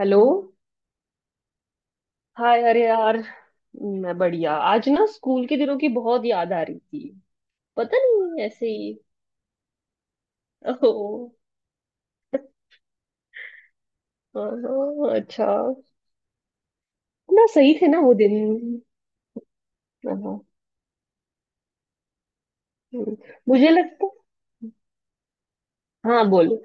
Hello. Hi, अरे यार। मैं बढ़िया। आज ना स्कूल के दिनों की बहुत याद आ रही थी। पता नहीं ऐसे ही। ओह। हाँ, हाँ, अच्छा। ना सही थे ना वो दिन। हाँ, मुझे लगता। हाँ बोलो।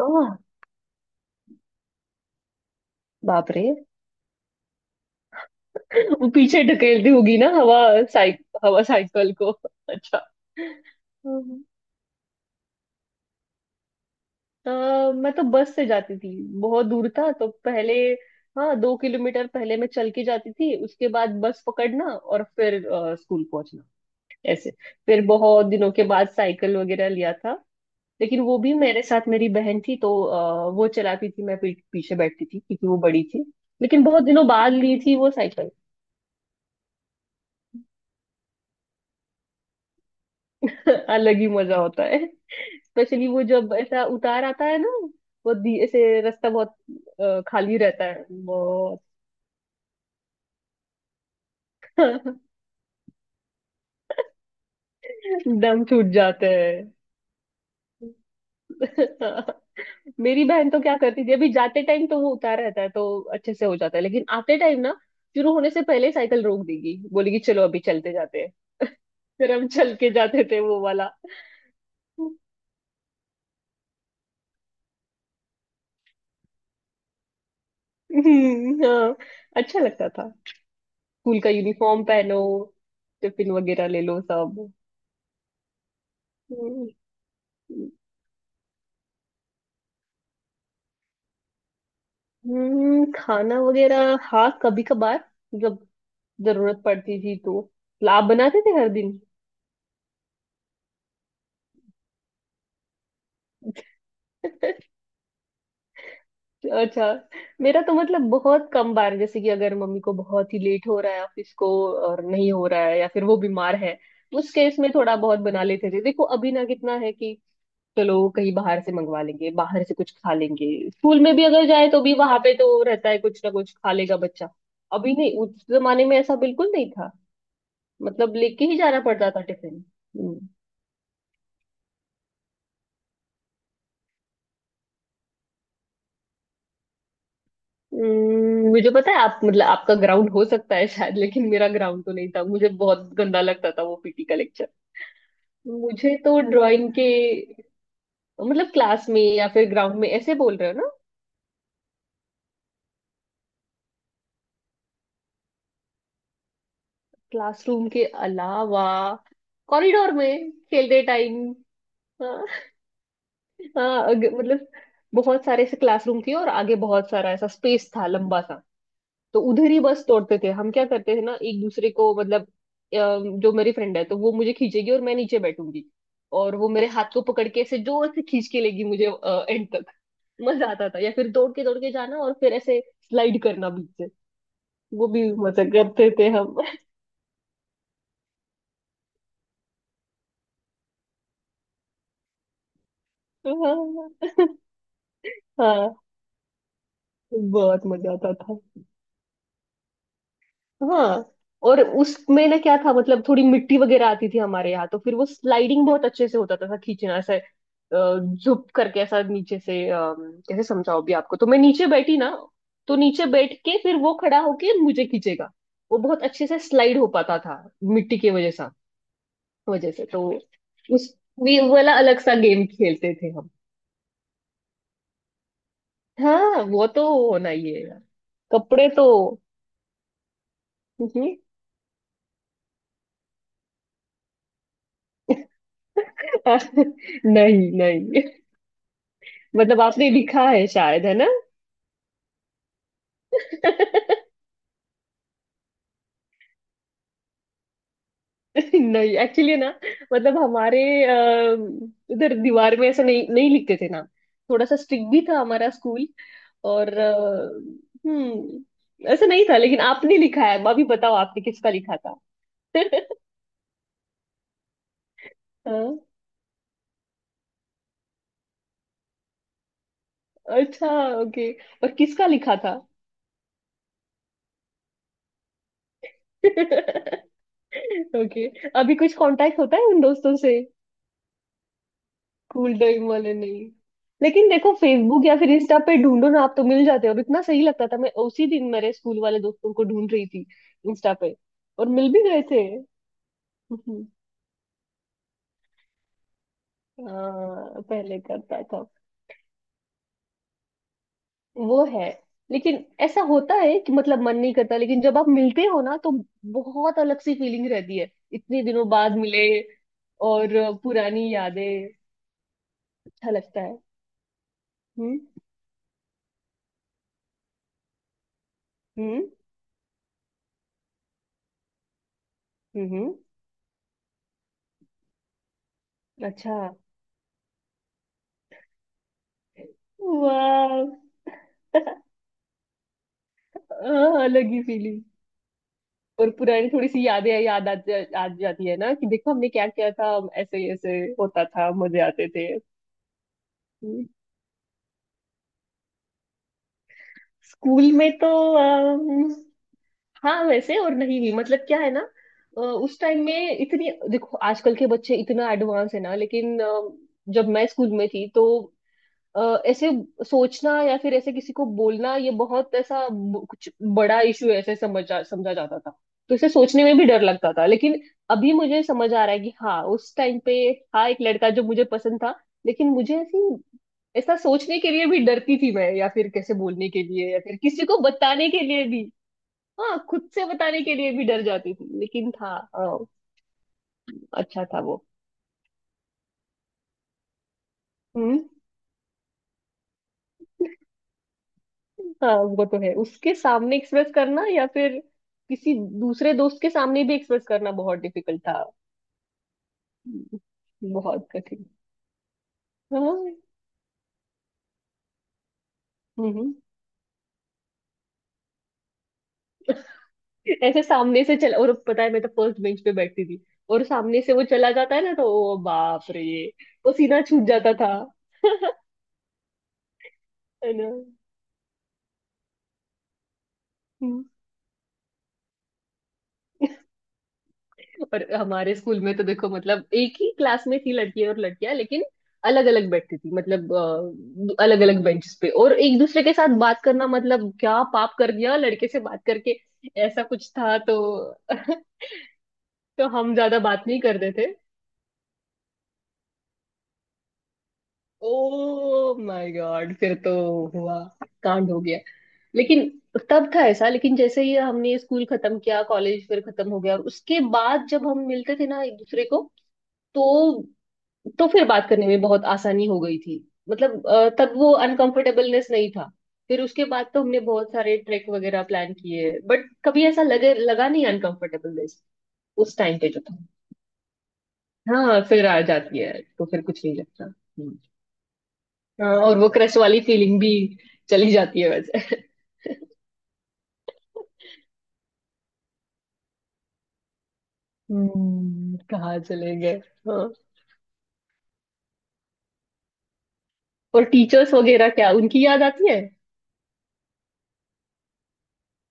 आह, बाप रे। वो पीछे ढकेलती होगी ना हवा। साइक हवा साइकिल को। अच्छा। अ, मैं तो बस से जाती थी, बहुत दूर था तो पहले हाँ 2 किलोमीटर पहले मैं चल के जाती थी, उसके बाद बस पकड़ना और फिर स्कूल पहुंचना। ऐसे फिर बहुत दिनों के बाद साइकिल वगैरह लिया था। लेकिन वो भी मेरे साथ मेरी बहन थी, तो वो चलाती थी, मैं पीछे बैठती थी, क्योंकि वो बड़ी थी। लेकिन बहुत दिनों बाद ली थी वो साइकिल। अलग ही मजा होता है। स्पेशली वो जब ऐसा उतार आता है ना, ऐसे रास्ता बहुत खाली रहता है बहुत। दम छूट जाते हैं। मेरी बहन तो क्या करती थी, अभी जाते टाइम तो वो उतार रहता है तो अच्छे से हो जाता है, लेकिन आते टाइम ना शुरू होने से पहले साइकिल रोक देगी, बोलेगी चलो अभी चलते जाते हैं। फिर हम चल के जाते थे वो वाला। हाँ, अच्छा लगता था। स्कूल का यूनिफॉर्म पहनो, टिफिन वगैरह ले लो सब। हम्म, खाना वगैरह हाँ कभी कभार जब जरूरत पड़ती थी तो। आप बनाते थे हर दिन? अच्छा। मेरा तो मतलब बहुत कम बार, जैसे कि अगर मम्मी को बहुत ही लेट हो रहा है ऑफिस को और नहीं हो रहा है या फिर वो बीमार है, उस केस में थोड़ा बहुत बना लेते थे। देखो अभी ना कितना है कि चलो कहीं बाहर से मंगवा लेंगे, बाहर से कुछ खा लेंगे, स्कूल में भी अगर जाए तो भी वहां पे तो रहता है, कुछ ना कुछ खा लेगा बच्चा। अभी नहीं, उस जमाने में ऐसा बिल्कुल नहीं था, मतलब लेके ही जाना पड़ता था टिफिन। हम्म। मुझे पता है, आप मतलब आपका ग्राउंड हो सकता है शायद, लेकिन मेरा ग्राउंड तो नहीं था, मुझे बहुत गंदा लगता था वो पीटी का लेक्चर। मुझे तो ड्राइंग के, मतलब क्लास में या फिर ग्राउंड में ऐसे बोल रहे हो ना? क्लासरूम के अलावा कॉरिडोर में खेलते टाइम। हाँ। हाँ, मतलब बहुत सारे ऐसे क्लासरूम थे और आगे बहुत सारा ऐसा स्पेस था लंबा सा, तो उधर ही बस तोड़ते थे हम। क्या करते थे ना एक दूसरे को, मतलब अ, जो मेरी फ्रेंड है तो वो मुझे खींचेगी और मैं नीचे बैठूंगी, और वो मेरे हाथ को पकड़ के ऐसे जोर से खींच के लेगी मुझे एंड तक। मजा आता था, या फिर दौड़ के जाना और फिर ऐसे स्लाइड करना बीच से। वो भी मजा करते थे हम। हाँ। हाँ, बहुत मजा आता था। हाँ, और उसमें ना क्या था, मतलब थोड़ी मिट्टी वगैरह आती थी हमारे यहाँ, तो फिर वो स्लाइडिंग बहुत अच्छे से होता था। ऐसा खींचना, ऐसे झुक करके ऐसा नीचे से, कैसे समझाओ भी आपको। तो मैं नीचे बैठी ना, तो नीचे बैठ के फिर वो खड़ा होके मुझे खींचेगा, वो बहुत अच्छे से स्लाइड हो पाता था मिट्टी की वजह से। वजह से तो उस भी वाला अलग सा गेम खेलते थे हम। हाँ, वो तो होना ही है यार। कपड़े तो। नहीं। नहीं, मतलब आपने लिखा है शायद, है ना? नहीं, एक्चुअली ना, मतलब हमारे उधर दीवार में ऐसा नहीं नहीं लिखते थे ना, थोड़ा सा स्ट्रिक्ट भी था हमारा स्कूल। और ऐसा नहीं था। लेकिन आपने लिखा है, अभी बताओ, आपने किसका लिखा था? हाँ, अच्छा, ओके। और किसका लिखा था? ओके। अभी कुछ कांटेक्ट होता है उन दोस्तों से? कूल टाइम वाले नहीं, लेकिन देखो फेसबुक या फिर इंस्टा पे ढूंढो ना आप तो मिल जाते हो, और इतना सही लगता था, मैं उसी दिन मेरे स्कूल वाले दोस्तों को ढूंढ रही थी इंस्टा पे, और मिल भी गए थे। हम्म, हाँ पहले करता था, वो है, लेकिन ऐसा होता है कि मतलब मन नहीं करता, लेकिन जब आप मिलते हो ना, तो बहुत अलग सी फीलिंग रहती है, इतने दिनों बाद मिले और पुरानी यादें, अच्छा लगता है। हम्म। हम्म। हम्म। हम्म। अच्छा। वाह। हाँ, हाँ, अलग ही फीलिंग। और पुरानी थोड़ी सी यादें याद आ जाती है ना कि देखो हमने क्या किया था, हम ऐसे ऐसे होता था, मजे आते थे। हम्म, स्कूल में तो अम, हाँ वैसे और नहीं भी, मतलब क्या है ना, उस टाइम में इतनी, देखो आजकल के बच्चे इतना एडवांस है ना, लेकिन जब मैं स्कूल में थी तो अ, ऐसे सोचना या फिर ऐसे किसी को बोलना, ये बहुत ऐसा कुछ बड़ा इशू ऐसे समझा समझा जाता था, तो इसे सोचने में भी डर लगता था। लेकिन अभी मुझे समझ आ रहा है कि हाँ, उस टाइम पे हाँ एक लड़का जो मुझे पसंद था। लेकिन मुझे ऐसी ऐसा सोचने के लिए भी डरती थी मैं, या फिर कैसे बोलने के लिए, या फिर किसी को बताने के लिए भी। हाँ, खुद से बताने के लिए भी डर जाती थी, लेकिन था अच्छा था वो। हम्म। हाँ, वो तो है, उसके सामने एक्सप्रेस करना, या फिर किसी दूसरे दोस्त के सामने भी एक्सप्रेस करना बहुत डिफिकल्ट था। हम्म, बहुत कठिन। हाँ। हम्म, ऐसे सामने से चला, और पता है मैं तो फर्स्ट बेंच पे बैठती थी, और सामने से वो चला जाता है ना तो ओ बाप रे, वो सीना छूट जाता था। है ना। और हमारे स्कूल में तो देखो मतलब एक ही क्लास में थी लड़के और लड़कियां, लेकिन अलग अलग बैठती थी, मतलब अलग अलग बेंचेस पे, और एक दूसरे के साथ बात करना मतलब क्या पाप कर गया लड़के से बात करके, ऐसा कुछ था तो। तो हम ज्यादा बात नहीं करते थे। ओ माय गॉड, फिर तो हुआ, कांड हो गया। लेकिन तब था ऐसा, लेकिन जैसे ही हमने स्कूल खत्म किया, कॉलेज फिर खत्म हो गया, और उसके बाद जब हम मिलते थे ना एक दूसरे को, तो तो फिर बात करने में बहुत आसानी हो गई थी, मतलब तब वो अनकंफर्टेबलनेस नहीं था। फिर उसके बाद तो हमने बहुत सारे ट्रैक वगैरह प्लान किए, बट कभी ऐसा लगे लगा नहीं अनकंफर्टेबलनेस उस टाइम पे जो था। हाँ, फिर आ जाती है, तो फिर कुछ नहीं लगता। हम्म। हाँ, और वो क्रश वाली फीलिंग भी चली जाती है वैसे। हम्म, कहाँ चले गए। हाँ, और टीचर्स वगैरह क्या, उनकी याद आती है?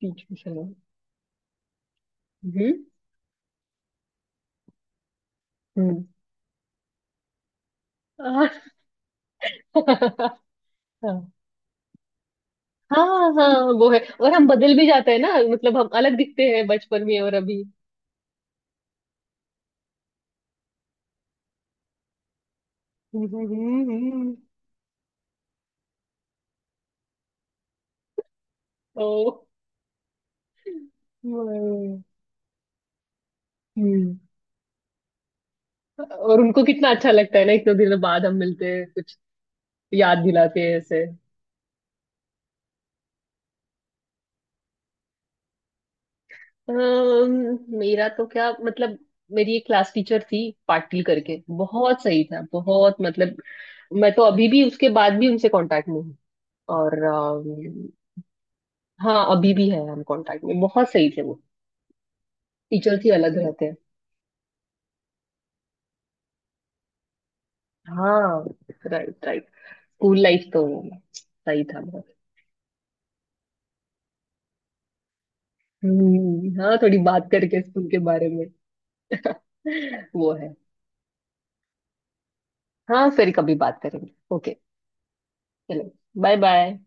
टीचर्स। हम्म। हम्म। हाँ। हाँ, वो है, और हम बदल भी जाते हैं ना, मतलब हम अलग दिखते हैं बचपन में और अभी। हम्म। ओ। हम्म। और उनको कितना अच्छा लगता है ना, इतने दिनों बाद हम मिलते हैं, कुछ याद दिलाते हैं ऐसे। मेरा तो क्या मतलब, मेरी एक क्लास टीचर थी, पाटिल करके, बहुत सही था, बहुत मतलब। मैं तो अभी भी, उसके बाद भी उनसे कांटेक्ट में हूँ। और हाँ अभी भी है, हम कांटेक्ट में, बहुत सही थे वो, टीचर थी, अलग रहते हैं। हाँ, राइट राइट। स्कूल लाइफ तो सही था बहुत। हम्म, हाँ, थोड़ी बात करके स्कूल के बारे में। वो है। हाँ, फिर कभी बात करेंगे, ओके। चलो। Bye bye.